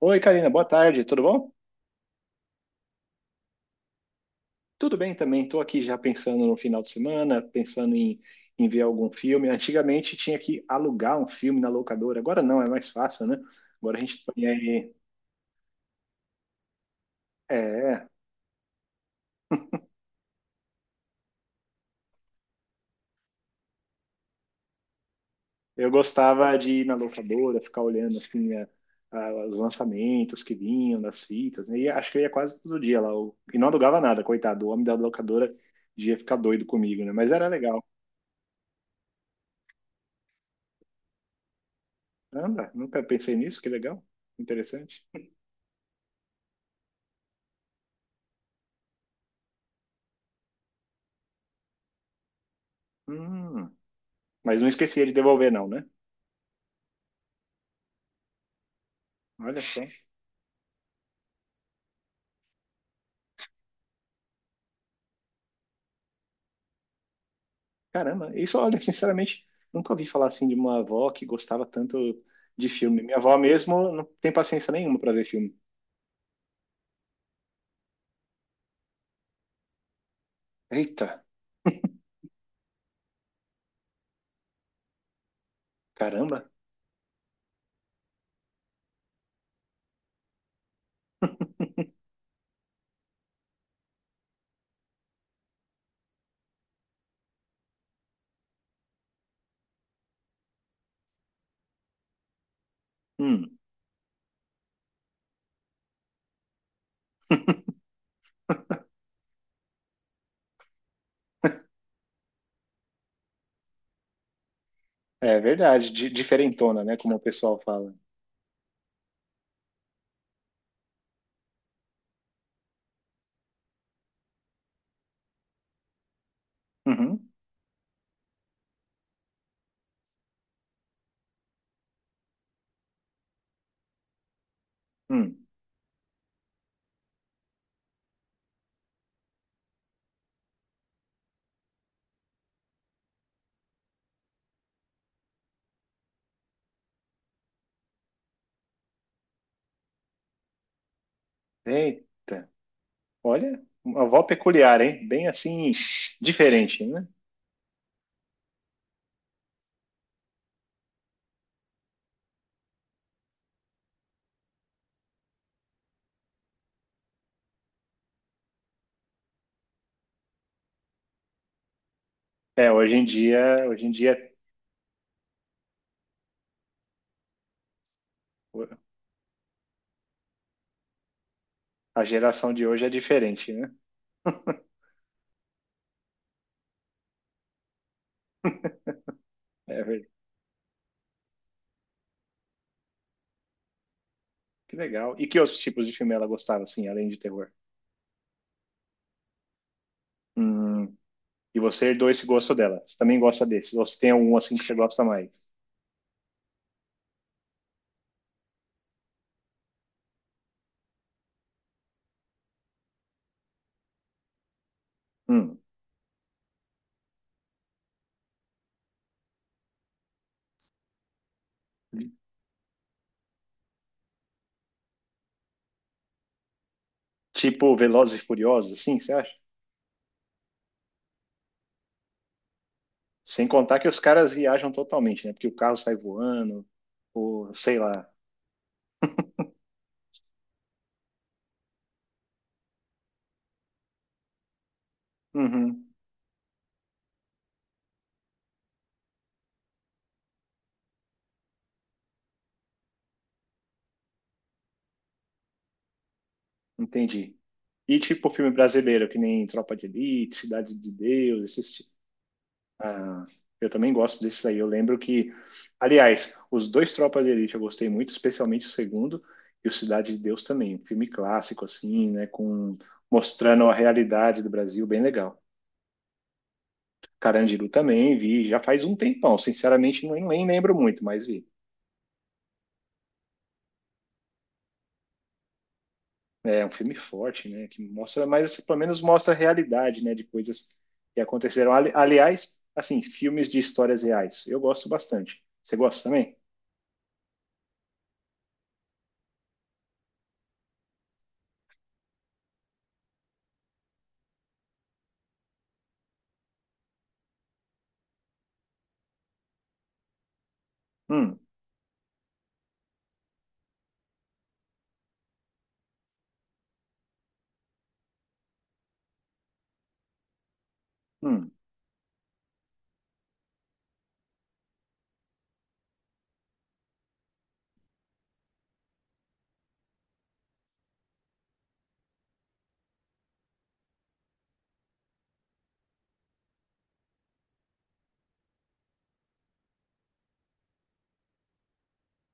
Oi, Karina, boa tarde, tudo bom? Tudo bem também, estou aqui já pensando no final de semana, pensando em ver algum filme. Antigamente tinha que alugar um filme na locadora, agora não, é mais fácil, né? Agora a gente põe aí. É, eu gostava de ir na locadora, ficar olhando assim, os lançamentos que vinham nas fitas, né? E acho que eu ia quase todo dia lá, e não alugava nada, coitado, o homem da locadora ia ficar doido comigo, né? Mas era legal. Anda, nunca pensei nisso, que legal, interessante. Hum. Mas não esquecia de devolver, não, né? Olha só. Caramba, isso, olha, sinceramente, nunca ouvi falar assim de uma avó que gostava tanto de filme. Minha avó mesmo não tem paciência nenhuma para ver filme. Eita, caramba. Hum, é verdade, diferentona, né? Como o pessoal fala. Uhum, hum. Eita, olha, uma avó peculiar, hein? Bem assim, diferente, né? É, hoje em dia, a geração de hoje é diferente, né? É, que legal. E que outros tipos de filme ela gostava, assim, além de terror? Hum. E você herdou esse gosto dela. Você também gosta desses? Ou você tem algum, assim, que você gosta mais? Hum. Tipo Velozes e Furiosos, assim, você acha? Sem contar que os caras viajam totalmente, né? Porque o carro sai voando, ou sei lá. Uhum, entendi. E tipo filme brasileiro, que nem Tropa de Elite, Cidade de Deus, esses. Ah, eu também gosto desses aí. Eu lembro que, aliás, os dois Tropas de Elite eu gostei muito, especialmente o segundo e o Cidade de Deus também. Um filme clássico, assim, né? Com, mostrando a realidade do Brasil, bem legal. Carandiru também vi, já faz um tempão. Sinceramente, não, nem lembro muito, mas vi. É um filme forte, né? Que mostra, mas assim, pelo menos mostra a realidade, né? De coisas que aconteceram. Aliás, assim, filmes de histórias reais. Eu gosto bastante. Você gosta também? Hum, hum.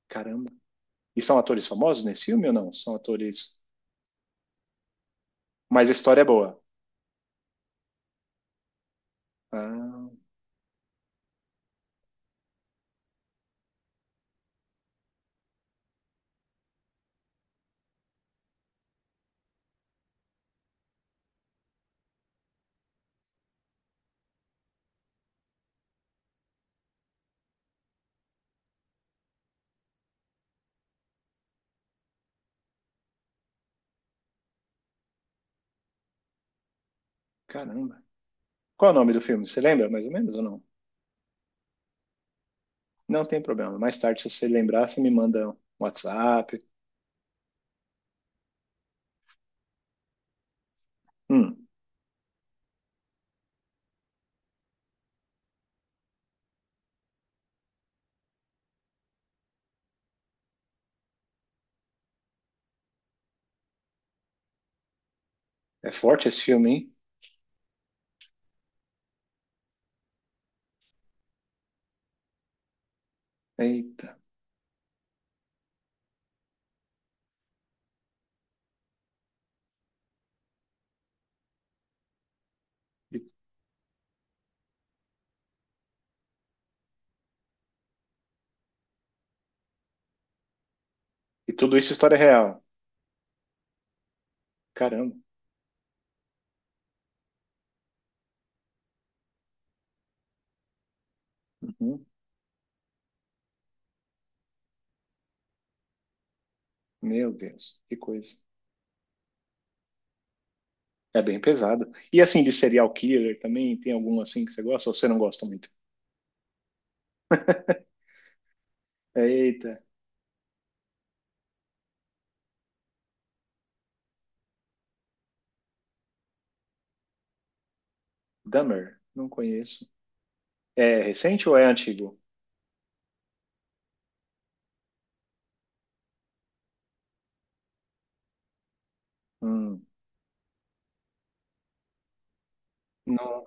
Caramba. E são atores famosos nesse filme ou não? São atores. Mas a história é boa. Ah, caramba. Qual é o nome do filme? Você lembra mais ou menos ou não? Não tem problema. Mais tarde, se você lembrar, você me manda um WhatsApp. Hum, é forte esse filme, hein? Eita. E, e tudo isso é história real. Caramba. Uhum. Meu Deus, que coisa. É bem pesado. E assim, de serial killer também, tem algum assim que você gosta ou você não gosta muito? Eita, Dahmer, não conheço. É recente ou é antigo? Hum, não.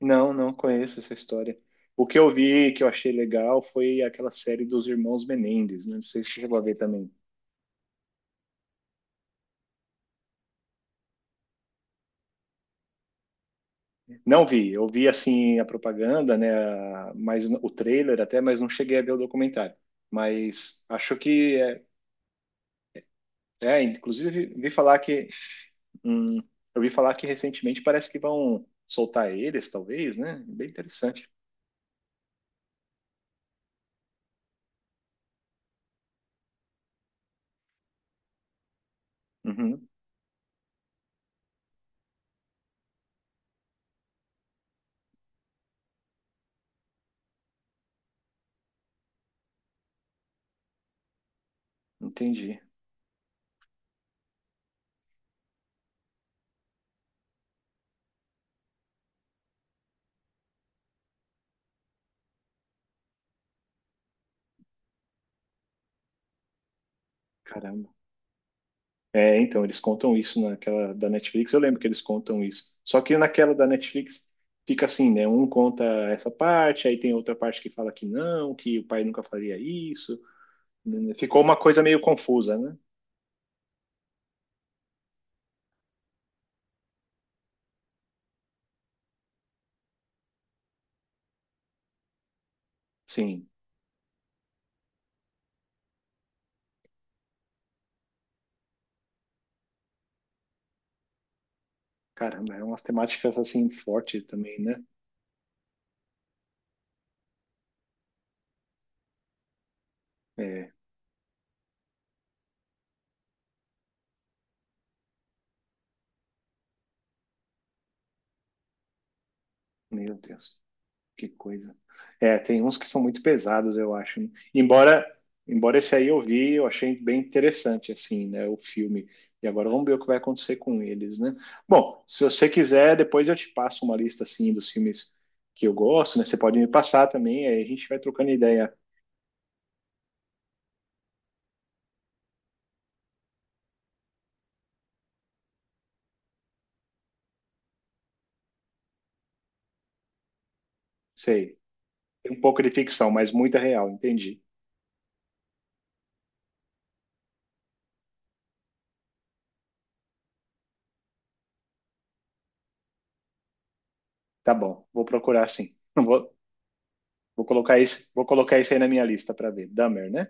Não, não conheço essa história. O que eu vi que eu achei legal foi aquela série dos Irmãos Menendez, né? Não sei se você chegou a ver também. Não vi, eu vi assim a propaganda, né? Mas o trailer até, mas não cheguei a ver o documentário. Mas acho que é, é, inclusive vi falar que hum, eu vi falar que recentemente parece que vão soltar eles, talvez, né? Bem interessante. Uhum, entendi. Caramba. É, então, eles contam isso naquela da Netflix, eu lembro que eles contam isso. Só que naquela da Netflix fica assim, né? Um conta essa parte, aí tem outra parte que fala que não, que o pai nunca faria isso. Né, ficou uma coisa meio confusa, né? Sim, caramba, é umas temáticas assim fortes também, né? É, meu Deus. Que coisa. É, tem uns que são muito pesados, eu acho, né? Embora esse aí eu vi, eu achei bem interessante, assim, né, o filme. E agora vamos ver o que vai acontecer com eles, né? Bom, se você quiser, depois eu te passo uma lista, assim, dos filmes que eu gosto, né? Você pode me passar também, aí a gente vai trocando ideia. Sei, tem um pouco de ficção, mas muita real, entendi. Tá bom, vou procurar sim. Não vou, vou colocar isso aí na minha lista para ver. Dahmer, né?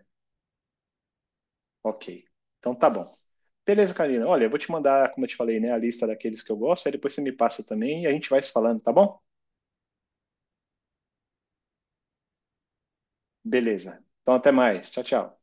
Ok. Então tá bom. Beleza, Karina. Olha, eu vou te mandar, como eu te falei, né, a lista daqueles que eu gosto, aí depois você me passa também e a gente vai se falando, tá bom? Beleza. Então até mais. Tchau, tchau.